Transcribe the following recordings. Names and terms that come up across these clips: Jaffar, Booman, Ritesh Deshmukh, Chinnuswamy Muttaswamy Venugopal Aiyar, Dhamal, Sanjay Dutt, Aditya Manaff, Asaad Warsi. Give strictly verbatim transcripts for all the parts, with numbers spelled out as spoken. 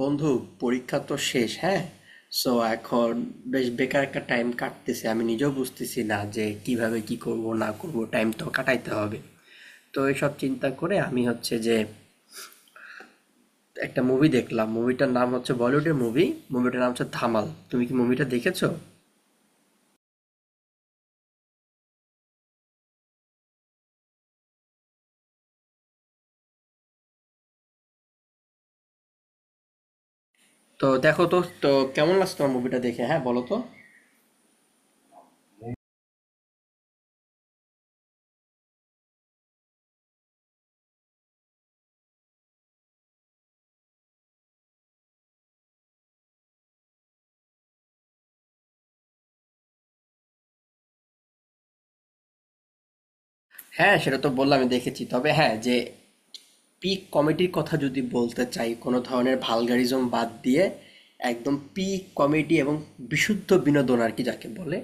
বন্ধু, পরীক্ষা তো শেষ। হ্যাঁ, সো এখন বেশ বেকার একটা টাইম কাটতেছে। আমি নিজেও বুঝতেছি না যে কিভাবে কি করব না করব, টাইম তো কাটাইতে হবে। তো এইসব চিন্তা করে আমি হচ্ছে যে একটা মুভি দেখলাম। মুভিটার নাম হচ্ছে বলিউডের মুভি, মুভিটার নাম হচ্ছে ধামাল। তুমি কি মুভিটা দেখেছো? তো দেখো তো, তো কেমন লাগছে তোমার মুভিটা দেখে? হ্যাঁ, বলো তো। হ্যাঁ, সেটা তো বললাম, আমি দেখেছি। তবে হ্যাঁ, যে পিক কমেডির কথা যদি বলতে চাই, কোনো ধরনের ভালগারিজম বাদ দিয়ে একদম পিক কমেডি এবং বিশুদ্ধ বিনোদন আর কি যাকে বলে,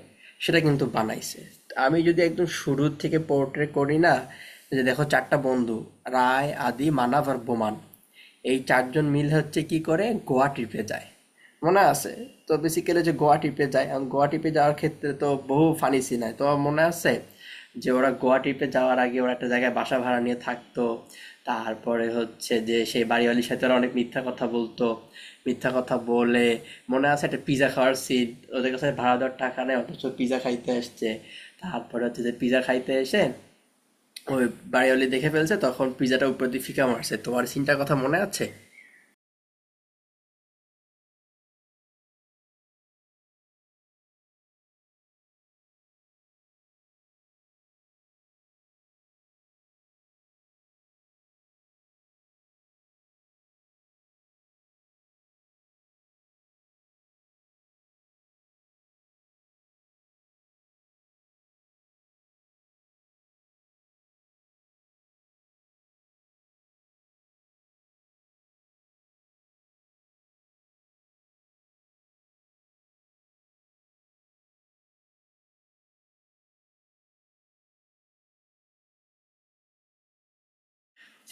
সেটা কিন্তু বানাইছে। আমি যদি একদম শুরু থেকে পোর্ট্রে করি না, যে দেখো চারটা বন্ধু, রায়, আদি, মানাভ আর বোমান, এই চারজন মিল হচ্ছে কি করে গোয়া ট্রিপে যায়, মনে আছে? তো বেসিক্যালি যে গোয়া ট্রিপে যায়, এখন গোয়া ট্রিপে যাওয়ার ক্ষেত্রে তো বহু ফানি সিন হয়। তোমার মনে আছে? যে ওরা গোয়া ট্রিপে যাওয়ার আগে ওরা একটা জায়গায় বাসা ভাড়া নিয়ে থাকতো। তারপরে হচ্ছে যে সেই বাড়িওয়ালীর সাথে ওরা অনেক মিথ্যা কথা বলতো। মিথ্যা কথা বলে মনে আছে একটা পিজ্জা খাওয়ার সিন? ওদের কাছে ভাড়া দেওয়ার টাকা নেই অথচ পিজ্জা খাইতে আসছে। তারপরে হচ্ছে যে পিজ্জা খাইতে এসে ওই বাড়িওয়ালী দেখে ফেলছে, তখন পিজ্জাটা উপর দিয়ে ফিকা মারছে। তোমার সিনটার কথা মনে আছে?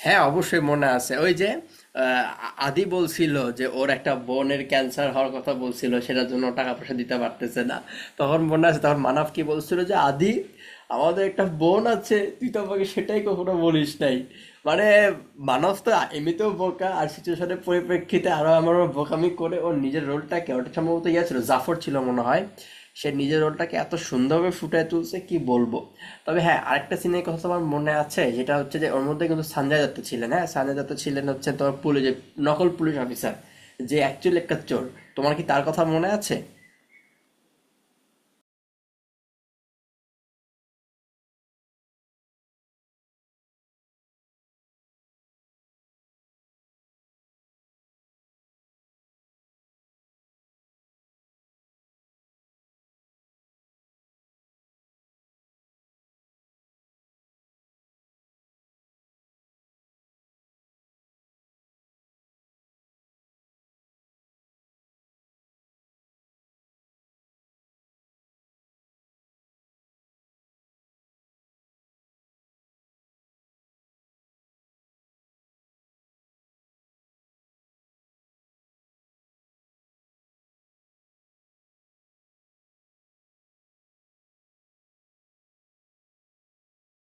হ্যাঁ, অবশ্যই মনে আছে। ওই যে আহ, আদি বলছিল যে ওর একটা বোনের ক্যান্সার হওয়ার কথা বলছিল, সেটার জন্য ও টাকা পয়সা দিতে পারতেছে না। তখন মনে আছে, তখন মানব কি বলছিল যে আদি, আমাদের একটা বোন আছে, তুই তো আমাকে সেটাই কখনো বলিস নাই। মানে মানব তো এমনিতেও বোকা, আর সিচুয়েশনের পরিপ্রেক্ষিতে আরো আমার বোকামি করে ওর নিজের রোলটাকে, ওটা সম্ভবত ইয়ে ছিল, জাফর ছিল মনে হয়, সে নিজের রোলটাকে এত সুন্দরভাবে ফুটিয়ে তুলছে কি বলবো। তবে হ্যাঁ, আরেকটা সিনের কথা আমার মনে আছে, যেটা হচ্ছে যে ওর মধ্যে কিন্তু সঞ্জয় দত্ত ছিলেন, হ্যাঁ সঞ্জয় দত্ত ছিলেন হচ্ছে তোমার পুলিশ, যে নকল পুলিশ অফিসার যে অ্যাকচুয়ালি একটা চোর। তোমার কি তার কথা মনে আছে?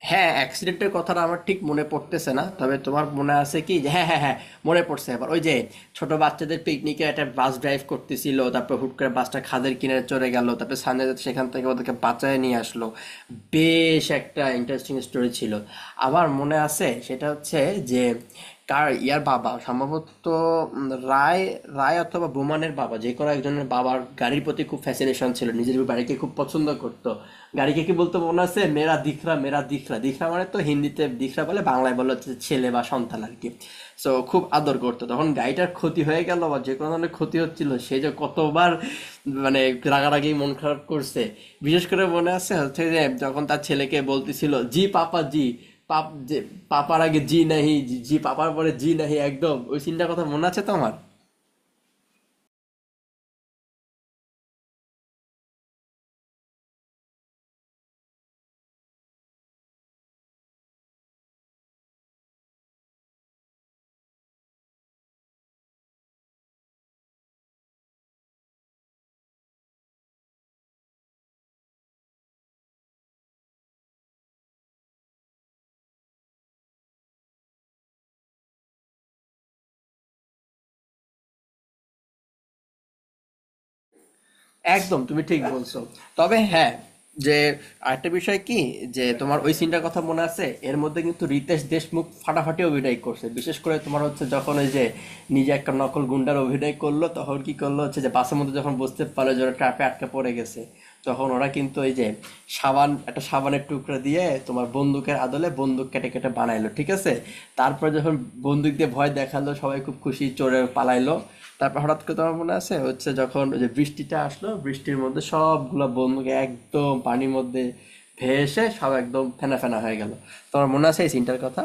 হ্যাঁ, অ্যাক্সিডেন্টের কথাটা আমার ঠিক মনে পড়তেছে না। তবে তোমার মনে আছে কি যে হ্যাঁ, হ্যাঁ, হ্যাঁ, মনে পড়ছে এবার। ওই যে ছোট বাচ্চাদের পিকনিকে একটা বাস ড্রাইভ করতেছিল, তারপর হুট করে বাসটা খাদের কিনারে চলে গেল, তারপর সানরাইজার সেখান থেকে ওদেরকে বাঁচায় নিয়ে আসলো। বেশ একটা ইন্টারেস্টিং স্টোরি ছিল। আবার মনে আছে সেটা হচ্ছে যে কার ইয়ার বাবা সম্ভবত, উম, রায়, রায় অথবা বোমানের বাবা, যে কোনো একজনের বাবার গাড়ির প্রতি খুব ফ্যাসিনেশন ছিল, নিজের বাড়িকে খুব পছন্দ করতো। গাড়িকে কি বলতো মনে আছে? মেরা দিখরা, মেরা দিখরা। দিখরা মানে তো হিন্দিতে দিখরা বলে, বাংলায় বলে হচ্ছে ছেলে বা সন্তান আর কি। সো খুব আদর করতো, তখন গাড়িটার ক্ষতি হয়ে গেল বা যে কোনো ধরনের ক্ষতি হচ্ছিল, সে যে কতবার মানে রাগারাগি মন খারাপ করছে। বিশেষ করে মনে আছে হচ্ছে যে যখন তার ছেলেকে বলতেছিল জি পাপা জি, পাপ, যে পাপার আগে জি নাহি, জি পাপার পরে জি নাহি, একদম ওই সিনটার কথা মনে আছে তোমার? একদম তুমি ঠিক বলছো। তবে হ্যাঁ, যে আরেকটা বিষয় কি, যে তোমার ওই সিনটার কথা মনে আছে, এর মধ্যে কিন্তু রিতেশ দেশমুখ ফাটাফাটি অভিনয় করছে। বিশেষ করে তোমার হচ্ছে যখন ওই যে নিজে একটা নকল গুন্ডার অভিনয় করলো, তখন কি করলো হচ্ছে যে বাসের মধ্যে যখন বুঝতে পারলো যে ওরা ট্র্যাপে আটকে পড়ে গেছে, তখন ওরা কিন্তু ওই যে সাবান, একটা সাবানের টুকরা দিয়ে তোমার বন্দুকের আদলে বন্দুক কেটে কেটে বানাইলো, ঠিক আছে। তারপর যখন বন্দুক দিয়ে ভয় দেখালো, সবাই খুব খুশি, চোরে পালাইলো। তারপর হঠাৎ করে তোমার মনে আছে হচ্ছে যখন ওই যে বৃষ্টিটা আসলো, বৃষ্টির মধ্যে সবগুলা বন্ধুকে একদম পানির মধ্যে ভেসে সব একদম ফেনা ফেনা হয়ে গেল। তোমার মনে আছে এই সিনটার কথা?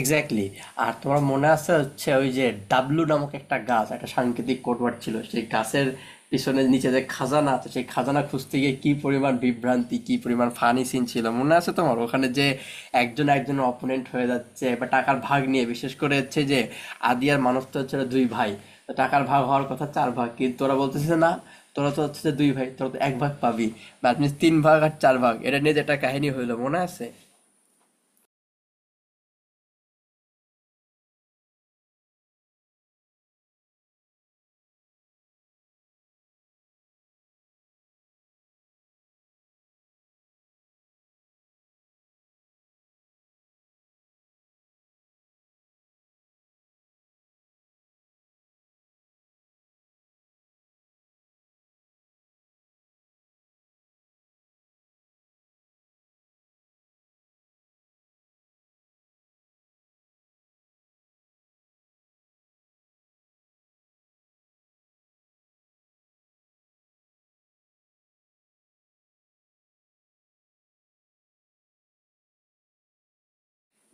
এক্স্যাক্টলি। আর তোমার মনে আছে হচ্ছে ওই যে ডাবলু নামক একটা গাছ, একটা সাংকেতিক কোডওয়ার্ড ছিল, সেই গাছের পিছনে নিচে যে খাজানা আছে, সেই খাজানা খুঁজতে গিয়ে কি পরিমাণ বিভ্রান্তি, কি পরিমাণ ফানি সিন ছিল মনে আছে তোমার? ওখানে যে একজন একজন অপোনেন্ট হয়ে যাচ্ছে বা টাকার ভাগ নিয়ে, বিশেষ করে হচ্ছে যে আদি আর মানব তো হচ্ছে ওরা দুই ভাই, তো টাকার ভাগ হওয়ার কথা চার ভাগ, কিন্তু ওরা বলতেছে যে না, তোরা তো হচ্ছে যে দুই ভাই, তোরা তো এক ভাগ পাবি, বা আপনি তিন ভাগ আর চার ভাগ, এটা নিয়ে যে একটা কাহিনী হইলো মনে আছে।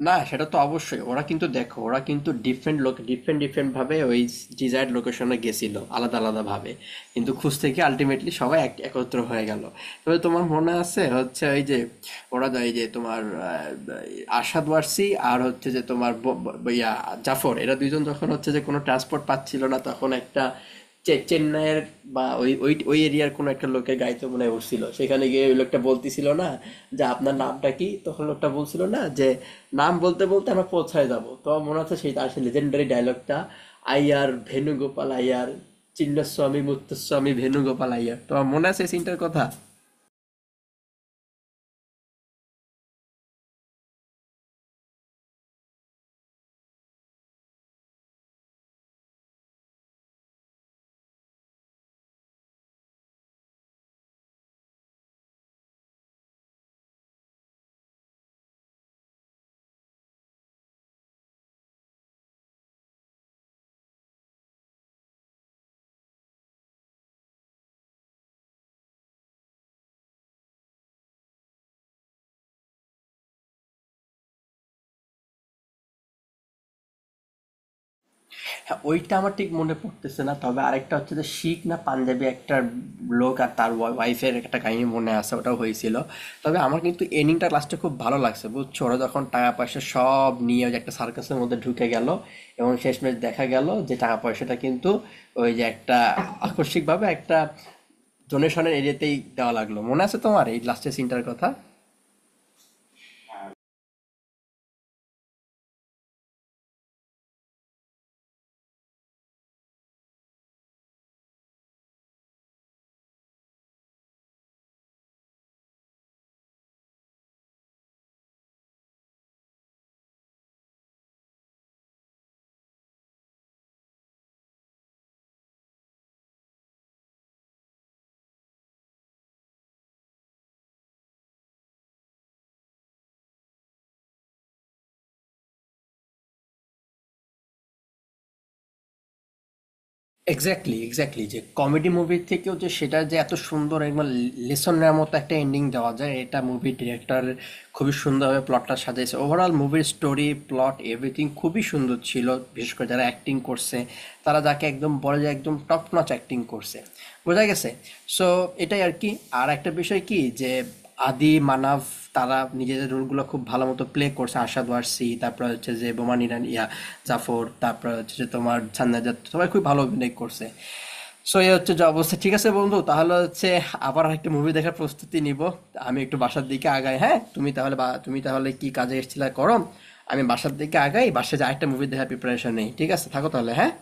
না, সেটা তো অবশ্যই, ওরা কিন্তু দেখো ওরা কিন্তু ডিফারেন্ট লোক, ডিফারেন্ট ডিফারেন্ট ভাবে ওই ডিজায়ার্ড লোকেশনে গেছিল, আলাদা আলাদা ভাবে, কিন্তু খুঁজতে গিয়ে আলটিমেটলি সবাই এক- একত্র হয়ে গেল। তবে তোমার মনে আছে হচ্ছে ওই যে ওরা যায় যে তোমার আহ, আসাদ ওয়ারসি আর হচ্ছে যে তোমার ব- ব- ইয়া জাফর, এরা দুইজন যখন হচ্ছে যে কোনো ট্রান্সপোর্ট পাচ্ছিল না, তখন একটা চে- চেন্নাইয়ের বা ওই ওই ওই এরিয়ার কোনো একটা লোকের গাড়িতে মনে হয় উঠছিল। সেখানে গিয়ে ওই লোকটা বলতেছিল না যে আপনার নামটা কি, তখন লোকটা বলছিল না যে নাম বলতে বলতে আমরা পৌঁছায় যাব। তো আমার মনে আছে সেই তার সেই লেজেন্ডারি ডায়লগটা, আইয়ার ভেনুগোপাল আইয়ার, চিন্নস্বামী মুত্তস্বামী ভেনুগোপাল আইয়ার, তো আমার মনে আছে এই সিনটার কথা। হ্যাঁ ওইটা আমার ঠিক মনে পড়তেছে না। তবে আরেকটা হচ্ছে যে শিখ না পাঞ্জাবি একটা লোক আর তার ওয়াইফের একটা কাহিনী মনে আছে, ওটাও হয়েছিল। তবে আমার কিন্তু এন্ডিংটা লাস্টে খুব ভালো লাগছে, বুঝছো? ওরা যখন টাকা পয়সা সব নিয়ে ওই যে একটা সার্কাসের মধ্যে ঢুকে গেল, এবং শেষমেশ দেখা গেল যে টাকা পয়সাটা কিন্তু ওই যে একটা আকস্মিকভাবে একটা ডোনেশনের এরিয়াতেই দেওয়া লাগলো, মনে আছে তোমার এই লাস্টের সিনটার কথা? এক্স্যাক্টলি, এক্স্যাক্টলি, যে কমেডি মুভির থেকেও যে সেটা যে এত সুন্দর একবার লেসন নেওয়ার মতো একটা এন্ডিং দেওয়া যায়, এটা মুভির ডিরেক্টর খুবই সুন্দরভাবে প্লটটা সাজিয়েছে। ওভারঅল মুভির স্টোরি, প্লট, এভরিথিং খুবই সুন্দর ছিল। বিশেষ করে যারা অ্যাক্টিং করছে, তারা যাকে একদম বলে যে একদম টপ নচ অ্যাক্টিং করছে, বোঝা গেছে? সো এটাই আর কি। আর একটা বিষয় কি যে আদি, মানাফ, তারা নিজেদের রোলগুলো খুব ভালো মতো প্লে করছে, আশাদ ওয়ারসি, তারপর হচ্ছে যে বোমান ইরান, ইয়া জাফর, তারপর হচ্ছে যে তোমার ছান্নাজাত, সবাই খুব ভালো অভিনয় করছে। সো এই হচ্ছে যে অবস্থা। ঠিক আছে বন্ধু, তাহলে হচ্ছে আবার একটা মুভি দেখার প্রস্তুতি নিব। আমি একটু বাসার দিকে আগাই, হ্যাঁ। তুমি তাহলে বা তুমি তাহলে কি কাজে এসেছিলে করো, আমি বাসার দিকে আগাই, বাসায় যে আরেকটা মুভি দেখার প্রিপারেশন নেই। ঠিক আছে, থাকো তাহলে, হ্যাঁ।